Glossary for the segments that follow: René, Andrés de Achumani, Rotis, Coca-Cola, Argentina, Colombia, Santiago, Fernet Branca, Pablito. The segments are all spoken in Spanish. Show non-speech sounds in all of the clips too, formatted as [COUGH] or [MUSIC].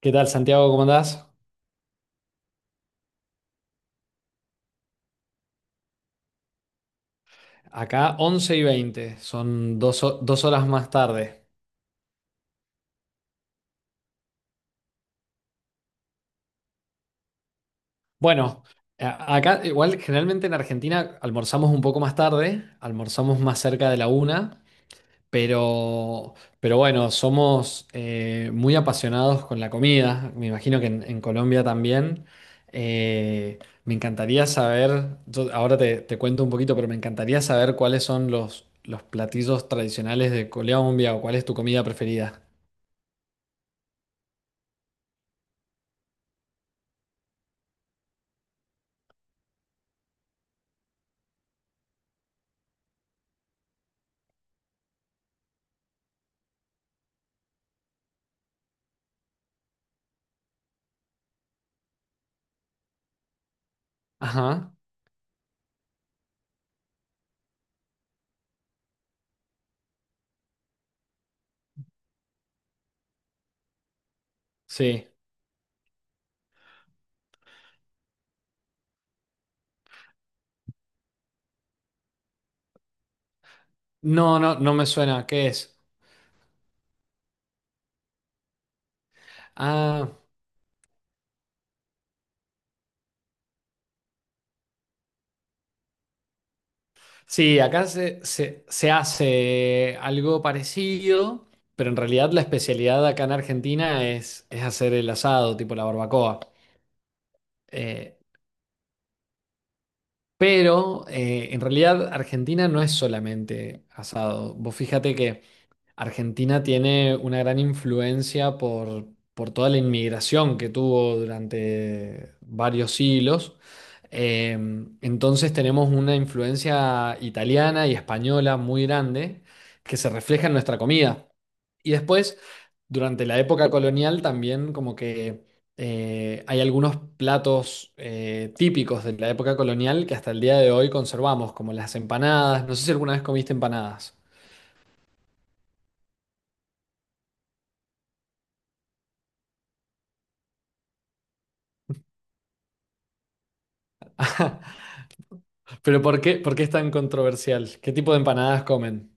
¿Qué tal, Santiago? ¿Cómo andás? Acá 11:20, son dos horas más tarde. Bueno, acá igual generalmente en Argentina almorzamos un poco más tarde, almorzamos más cerca de la una, pero, pero bueno, somos muy apasionados con la comida, me imagino que en Colombia también. Eh, Me encantaría saber, yo ahora te cuento un poquito, pero me encantaría saber cuáles son los platillos tradicionales de Colombia o cuál es tu comida preferida. Ajá, sí. No, no, no me suena. ¿Qué es? Ah, sí, acá se hace algo parecido, pero en realidad la especialidad acá en Argentina es hacer el asado, tipo la barbacoa. Eh, pero en realidad Argentina no es solamente asado. Vos fíjate que Argentina tiene una gran influencia por toda la inmigración que tuvo durante varios siglos. Eh, entonces tenemos una influencia italiana y española muy grande que se refleja en nuestra comida. Y después, durante la época colonial, también como que hay algunos platos típicos de la época colonial que hasta el día de hoy conservamos, como las empanadas. No sé si alguna vez comiste empanadas. Pero por qué es tan controversial? ¿Qué tipo de empanadas comen?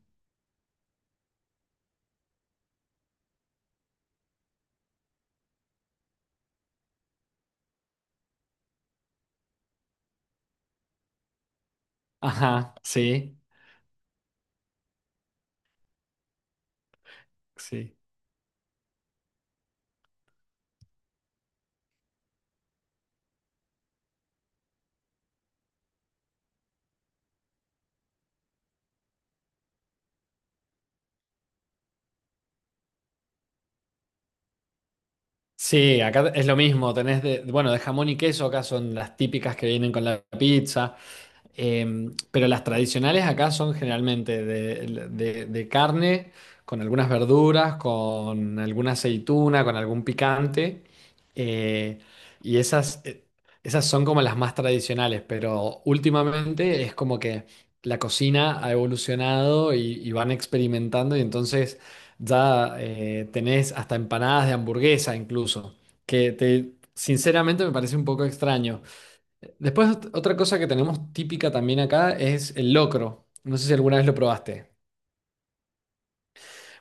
Ajá, sí, sí. Sí, acá es lo mismo, tenés de, bueno, de jamón y queso, acá son las típicas que vienen con la pizza. Pero las tradicionales acá son generalmente de carne, con algunas verduras, con alguna aceituna, con algún picante. eh, y esas son como las más tradicionales, pero últimamente es como que la cocina ha evolucionado y van experimentando y entonces ya tenés hasta empanadas de hamburguesa incluso, que te, sinceramente me parece un poco extraño. Después, otra cosa que tenemos típica también acá es el locro. No sé si alguna vez lo probaste.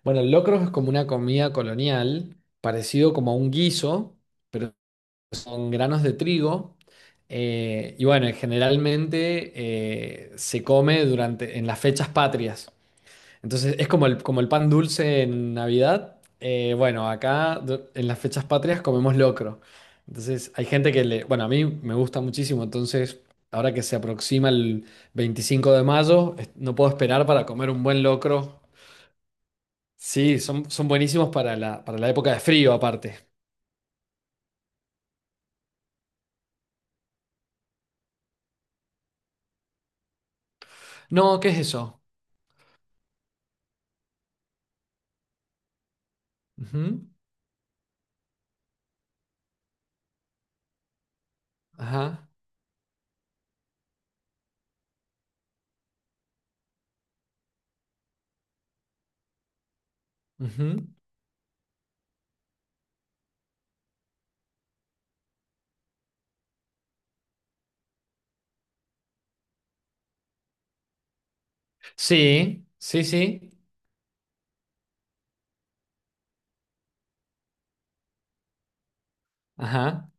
Bueno, el locro es como una comida colonial, parecido como a un guiso, pero son granos de trigo. Y bueno, generalmente se come en las fechas patrias. Entonces es como el pan dulce en Navidad. Bueno, acá en las fechas patrias comemos locro. Entonces hay gente que le... Bueno, a mí me gusta muchísimo, entonces ahora que se aproxima el 25 de mayo, no puedo esperar para comer un buen locro. Sí, son buenísimos para la época de frío aparte. No, ¿qué es eso? Ujú. Ajá. Ujú. Sí, sí, sí. Ajá.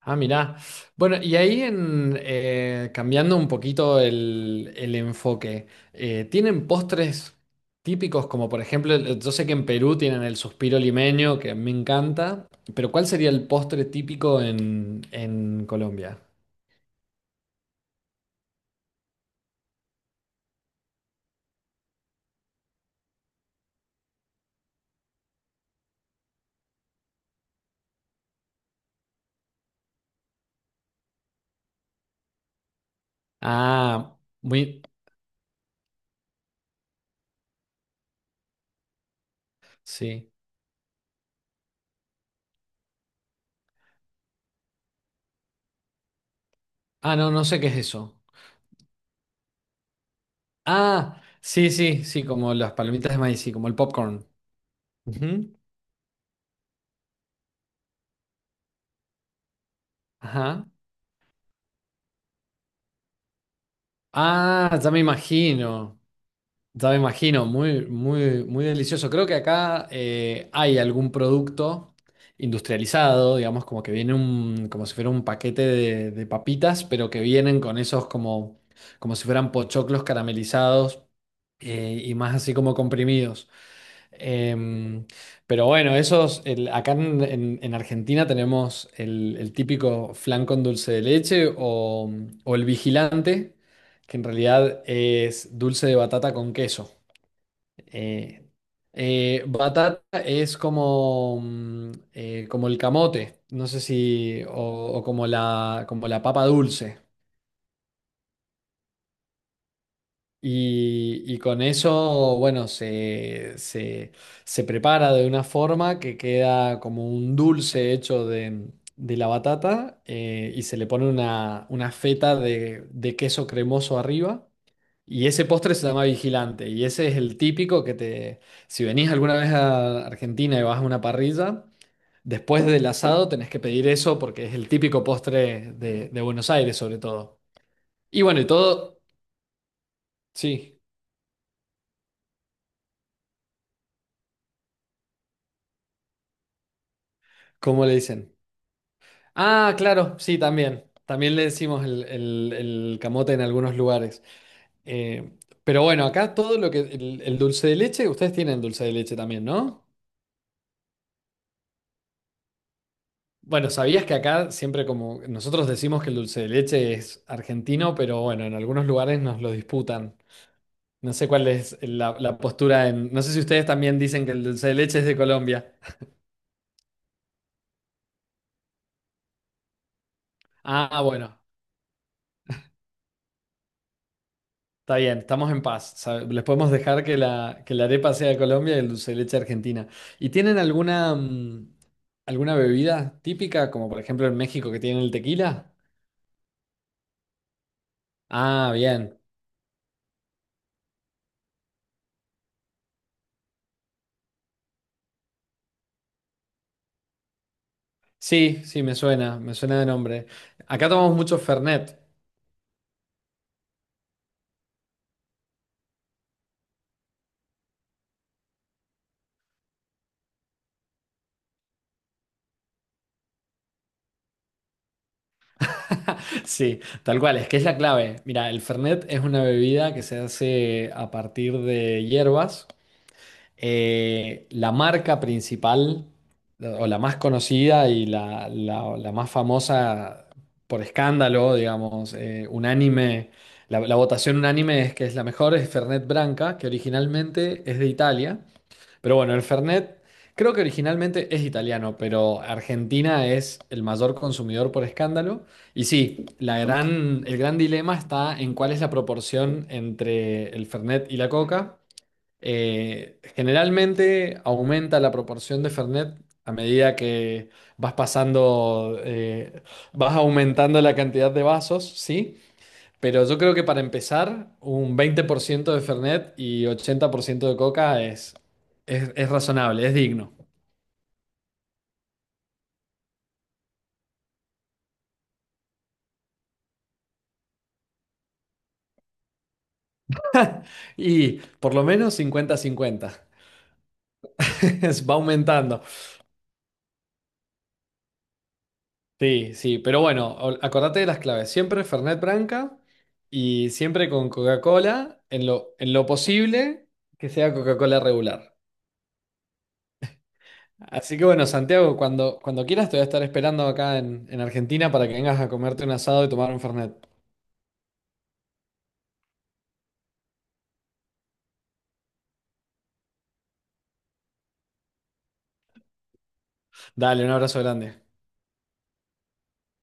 Ah, mirá. Bueno, y ahí cambiando un poquito el enfoque, ¿tienen postres típicos como por ejemplo, el- yo sé que en Perú tienen el suspiro limeño, que me encanta, pero ¿cuál sería el postre típico en Colombia? Ah, muy... Sí. Ah, no, no sé qué es eso. Ah, sí, sí, sí, como las palomitas de maíz, sí, como el popcorn. Ujú. Ajá. Ah, ya me imagino. Ya me imagino, muy, muy, muy delicioso. Creo que acá hay algún producto industrializado, digamos, como que viene como si fuera un paquete de papitas, pero que vienen con esos como si fueran pochoclos caramelizados y más así como comprimidos. Em, pero bueno, acá en Argentina tenemos el típico flan con dulce de leche o el vigilante, que en realidad es dulce de batata con queso. Eh, Batata es como el camote, no sé si, o como la papa dulce. Y con eso, bueno, se prepara de una forma que queda como un dulce hecho de la batata y se le pone una feta de queso cremoso arriba. Y ese postre se llama Vigilante, y ese es el típico si venís alguna vez a Argentina y vas a una parrilla, después del asado tenés que pedir eso porque es el típico postre de Buenos Aires sobre todo. Y bueno, y todo, sí, ¿cómo le dicen? Ah, claro, sí, también. También le decimos el camote en algunos lugares. Eh, pero bueno, acá todo lo que, el dulce de leche, ustedes tienen dulce de leche también, ¿no? Bueno, ¿sabías que acá siempre como nosotros decimos que el dulce de leche es argentino, pero bueno, en algunos lugares nos lo disputan. No sé cuál es la postura en... No sé si ustedes también dicen que el dulce de leche es de Colombia. Ah, bueno, está bien, estamos en paz. Les podemos dejar que la arepa sea de Colombia y el dulce de leche argentina. ¿Y tienen alguna, mm, alguna bebida típica, como por ejemplo en México que tienen el tequila? Ah, bien. Sí, sí, me suena de nombre. Acá tomamos mucho Fernet. Sí, tal cual, es que es la clave. Mira, el Fernet es una bebida que se hace a partir de hierbas. La marca principal, o la más conocida y la más famosa por escándalo, digamos, unánime, la votación unánime es que es la mejor, es Fernet Branca, que originalmente es de Italia. Pero bueno, el Fernet creo que originalmente es italiano, pero Argentina es el mayor consumidor por escándalo. Y sí, la gran, el gran dilema está en cuál es la proporción entre el Fernet y la Coca. Generalmente aumenta la proporción de Fernet a medida que vas pasando, eh, vas aumentando la cantidad de vasos, ¿sí? Pero yo creo que para empezar, un 20% de Fernet y 80% de Coca es, es razonable, es digno. Y por lo menos 50-50. [LAUGHS] Va aumentando. Sí, sí, pero bueno, acordate de las claves. Siempre Fernet Branca y siempre con Coca-Cola, en lo posible que sea Coca-Cola regular. Así que bueno, Santiago, cuando quieras te voy a estar esperando acá en, Argentina para que vengas a comerte un asado y tomar un Fernet. Dale, un abrazo grande.